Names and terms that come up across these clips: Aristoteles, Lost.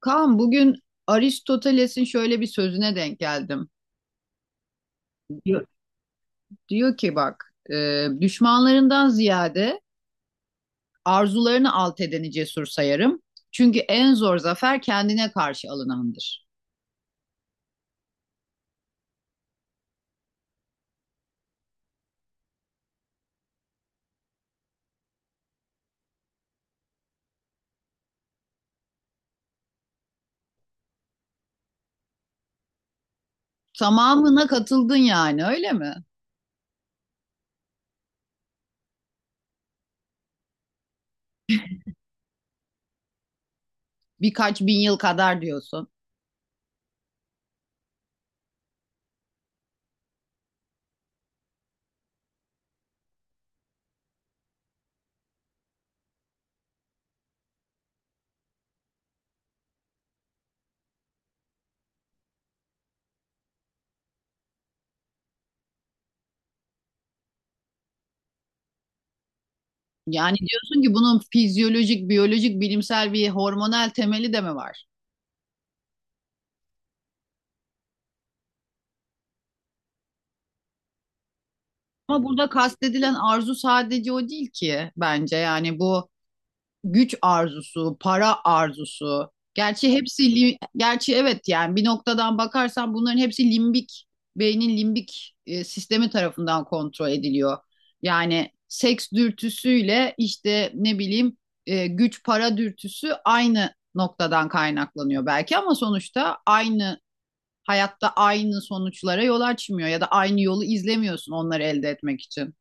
Kaan, bugün Aristoteles'in şöyle bir sözüne denk geldim. Diyor, diyor ki bak, düşmanlarından ziyade arzularını alt edeni cesur sayarım. Çünkü en zor zafer kendine karşı alınandır. Tamamına katıldın yani, öyle mi? Birkaç bin yıl kadar diyorsun. Yani diyorsun ki bunun fizyolojik, biyolojik, bilimsel bir hormonal temeli de mi var? Ama burada kastedilen arzu sadece o değil ki bence. Yani bu güç arzusu, para arzusu. Gerçi evet, yani bir noktadan bakarsan bunların hepsi limbik beynin limbik sistemi tarafından kontrol ediliyor. Yani seks dürtüsüyle işte ne bileyim, güç para dürtüsü aynı noktadan kaynaklanıyor belki, ama sonuçta aynı hayatta aynı sonuçlara yol açmıyor ya da aynı yolu izlemiyorsun onları elde etmek için.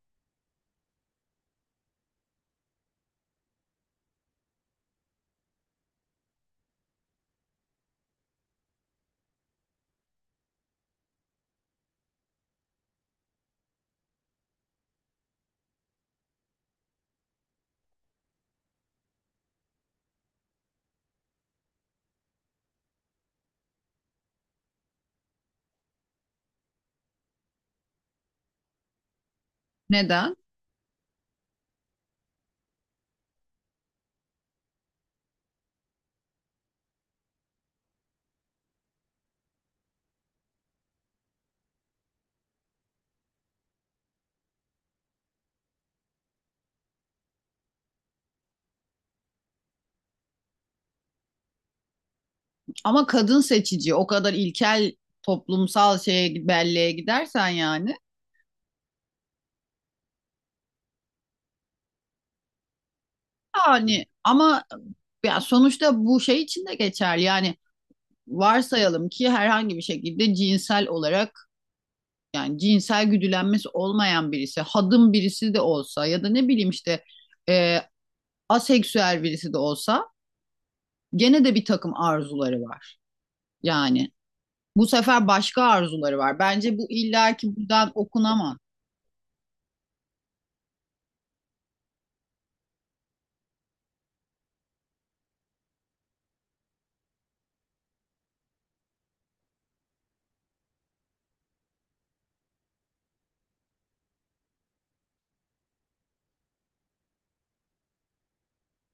Neden? Ama kadın seçici. O kadar ilkel toplumsal şeye, belleğe gidersen Yani ama ya, sonuçta bu şey için de geçerli. Yani varsayalım ki herhangi bir şekilde cinsel olarak, yani cinsel güdülenmesi olmayan birisi, hadım birisi de olsa, ya da ne bileyim işte, e, aseksüel birisi de olsa, gene de bir takım arzuları var. Yani bu sefer başka arzuları var. Bence bu illaki buradan okunamaz.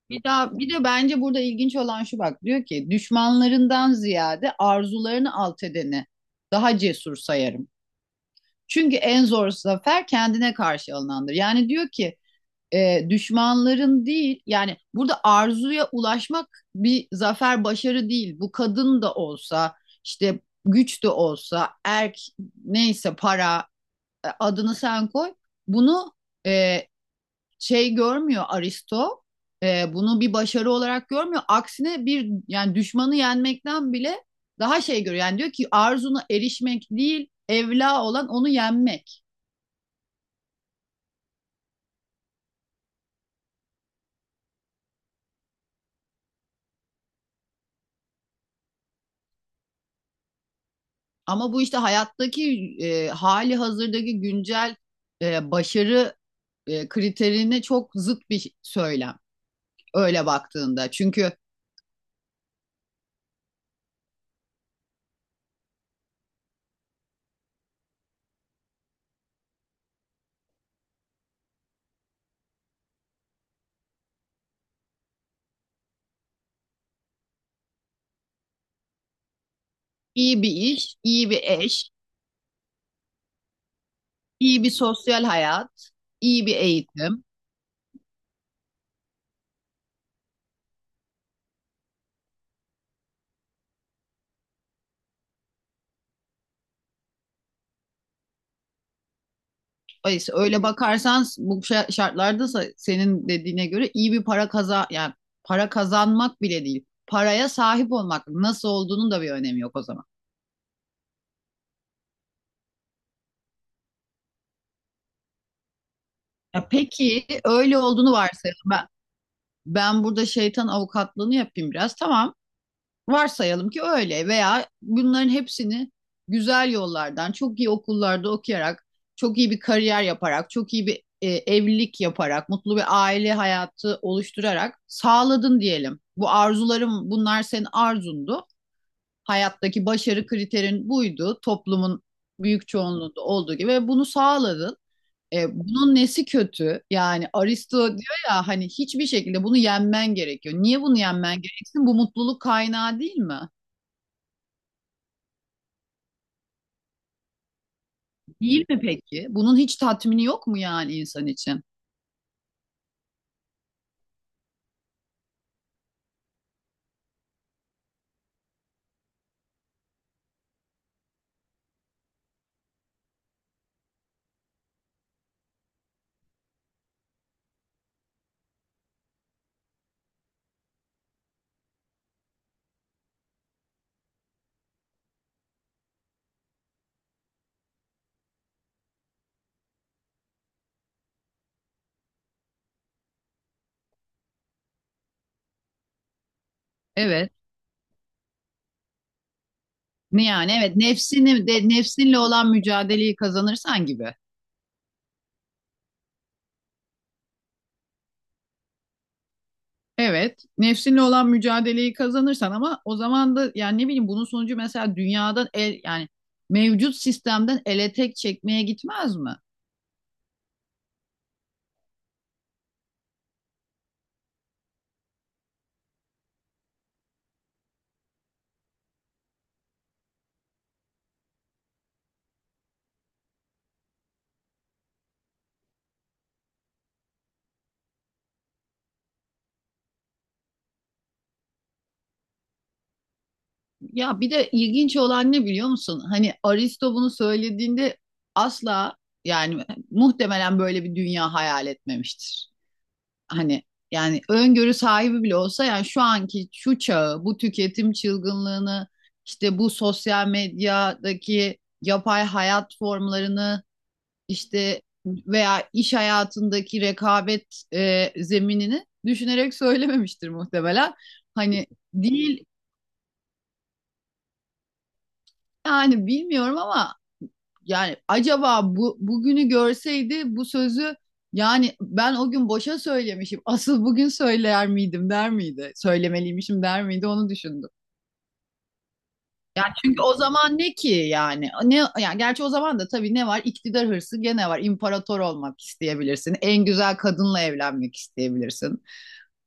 Bir daha, bir de bence burada ilginç olan şu, bak diyor ki düşmanlarından ziyade arzularını alt edeni daha cesur sayarım. Çünkü en zor zafer kendine karşı alınandır. Yani diyor ki, düşmanların değil, yani burada arzuya ulaşmak bir zafer, başarı değil. Bu kadın da olsa, işte güç de olsa, erk, neyse, para, adını sen koy bunu, e, şey görmüyor Aristo. Bunu bir başarı olarak görmüyor. Aksine, bir yani düşmanı yenmekten bile daha şey görüyor. Yani diyor ki arzuna erişmek değil, evla olan onu yenmek. Ama bu işte hayattaki, hali hazırdaki güncel başarı kriterine çok zıt bir söylem öyle baktığında. Çünkü iyi bir iş, iyi bir eş, iyi bir sosyal hayat, iyi bir eğitim. Ay, öyle bakarsan bu şartlarda senin dediğine göre iyi bir para yani, para kazanmak bile değil. Paraya sahip olmak, nasıl olduğunun da bir önemi yok o zaman. Ya peki, öyle olduğunu varsayalım ben. Ben burada şeytan avukatlığını yapayım biraz. Tamam. Varsayalım ki öyle, veya bunların hepsini güzel yollardan, çok iyi okullarda okuyarak, çok iyi bir kariyer yaparak, çok iyi bir evlilik yaparak, mutlu bir aile hayatı oluşturarak sağladın diyelim. Bu arzularım, bunlar senin arzundu. Hayattaki başarı kriterin buydu. Toplumun büyük çoğunluğunda olduğu gibi, ve bunu sağladın. Bunun nesi kötü? Yani Aristo diyor ya hani hiçbir şekilde bunu yenmen gerekiyor. Niye bunu yenmen gereksin? Bu mutluluk kaynağı değil mi? Değil mi peki? Bunun hiç tatmini yok mu yani insan için? Evet. Ne yani? Evet. Nefsini de, nefsinle olan mücadeleyi kazanırsan gibi. Evet. Nefsinle olan mücadeleyi kazanırsan, ama o zaman da yani ne bileyim, bunun sonucu mesela dünyadan el, yani mevcut sistemden ele tek çekmeye gitmez mi? Ya bir de ilginç olan ne biliyor musun? Hani Aristo bunu söylediğinde asla, yani muhtemelen böyle bir dünya hayal etmemiştir. Hani, yani öngörü sahibi bile olsa, yani şu anki şu çağı, bu tüketim çılgınlığını, işte bu sosyal medyadaki yapay hayat formlarını, işte veya iş hayatındaki rekabet zeminini düşünerek söylememiştir muhtemelen. Hani, değil. Yani bilmiyorum ama, yani acaba bu bugünü görseydi bu sözü, yani ben o gün boşa söylemişim. Asıl bugün söyler miydim, der miydi? Söylemeliymişim der miydi, onu düşündüm. Yani çünkü o zaman ne ki yani? Ne yani, gerçi o zaman da tabii ne var? İktidar hırsı gene var. İmparator olmak isteyebilirsin. En güzel kadınla evlenmek isteyebilirsin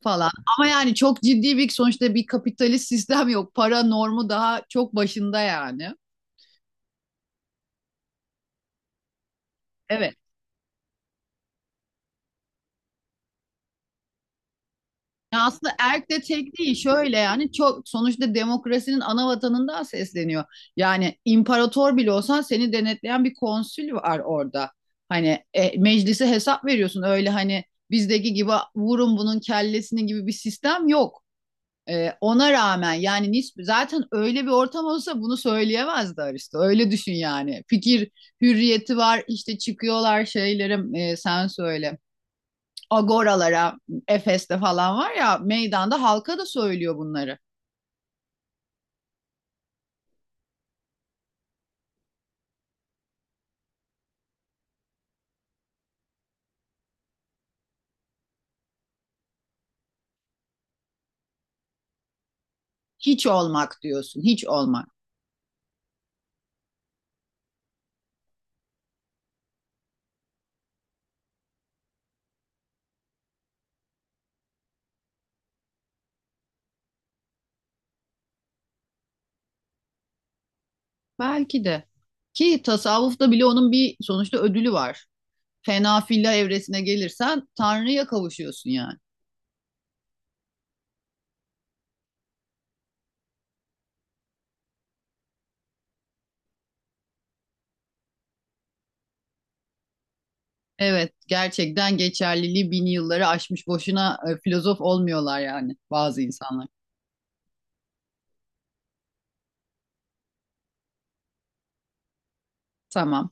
falan. Ama yani çok ciddi bir, sonuçta bir kapitalist sistem yok. Para normu daha çok başında yani. Evet. Ya aslında erk de tek değil şöyle, yani çok, sonuçta demokrasinin ana vatanından sesleniyor. Yani imparator bile olsan seni denetleyen bir konsül var orada. Hani, meclise hesap veriyorsun, öyle hani bizdeki gibi vurun bunun kellesini gibi bir sistem yok. Ona rağmen yani zaten öyle bir ortam olsa bunu söyleyemezdi Aristo. Öyle düşün yani. Fikir hürriyeti var, işte çıkıyorlar, şeylerim, sen söyle, agoralara, Efes'te falan var ya, meydanda halka da söylüyor bunları. Hiç olmak diyorsun, hiç olmak. Belki de. Ki tasavvufta bile onun bir sonuçta ödülü var. Fena filla evresine gelirsen Tanrı'ya kavuşuyorsun yani. Evet, gerçekten geçerliliği bin yılları aşmış. Boşuna filozof olmuyorlar yani bazı insanlar. Tamam.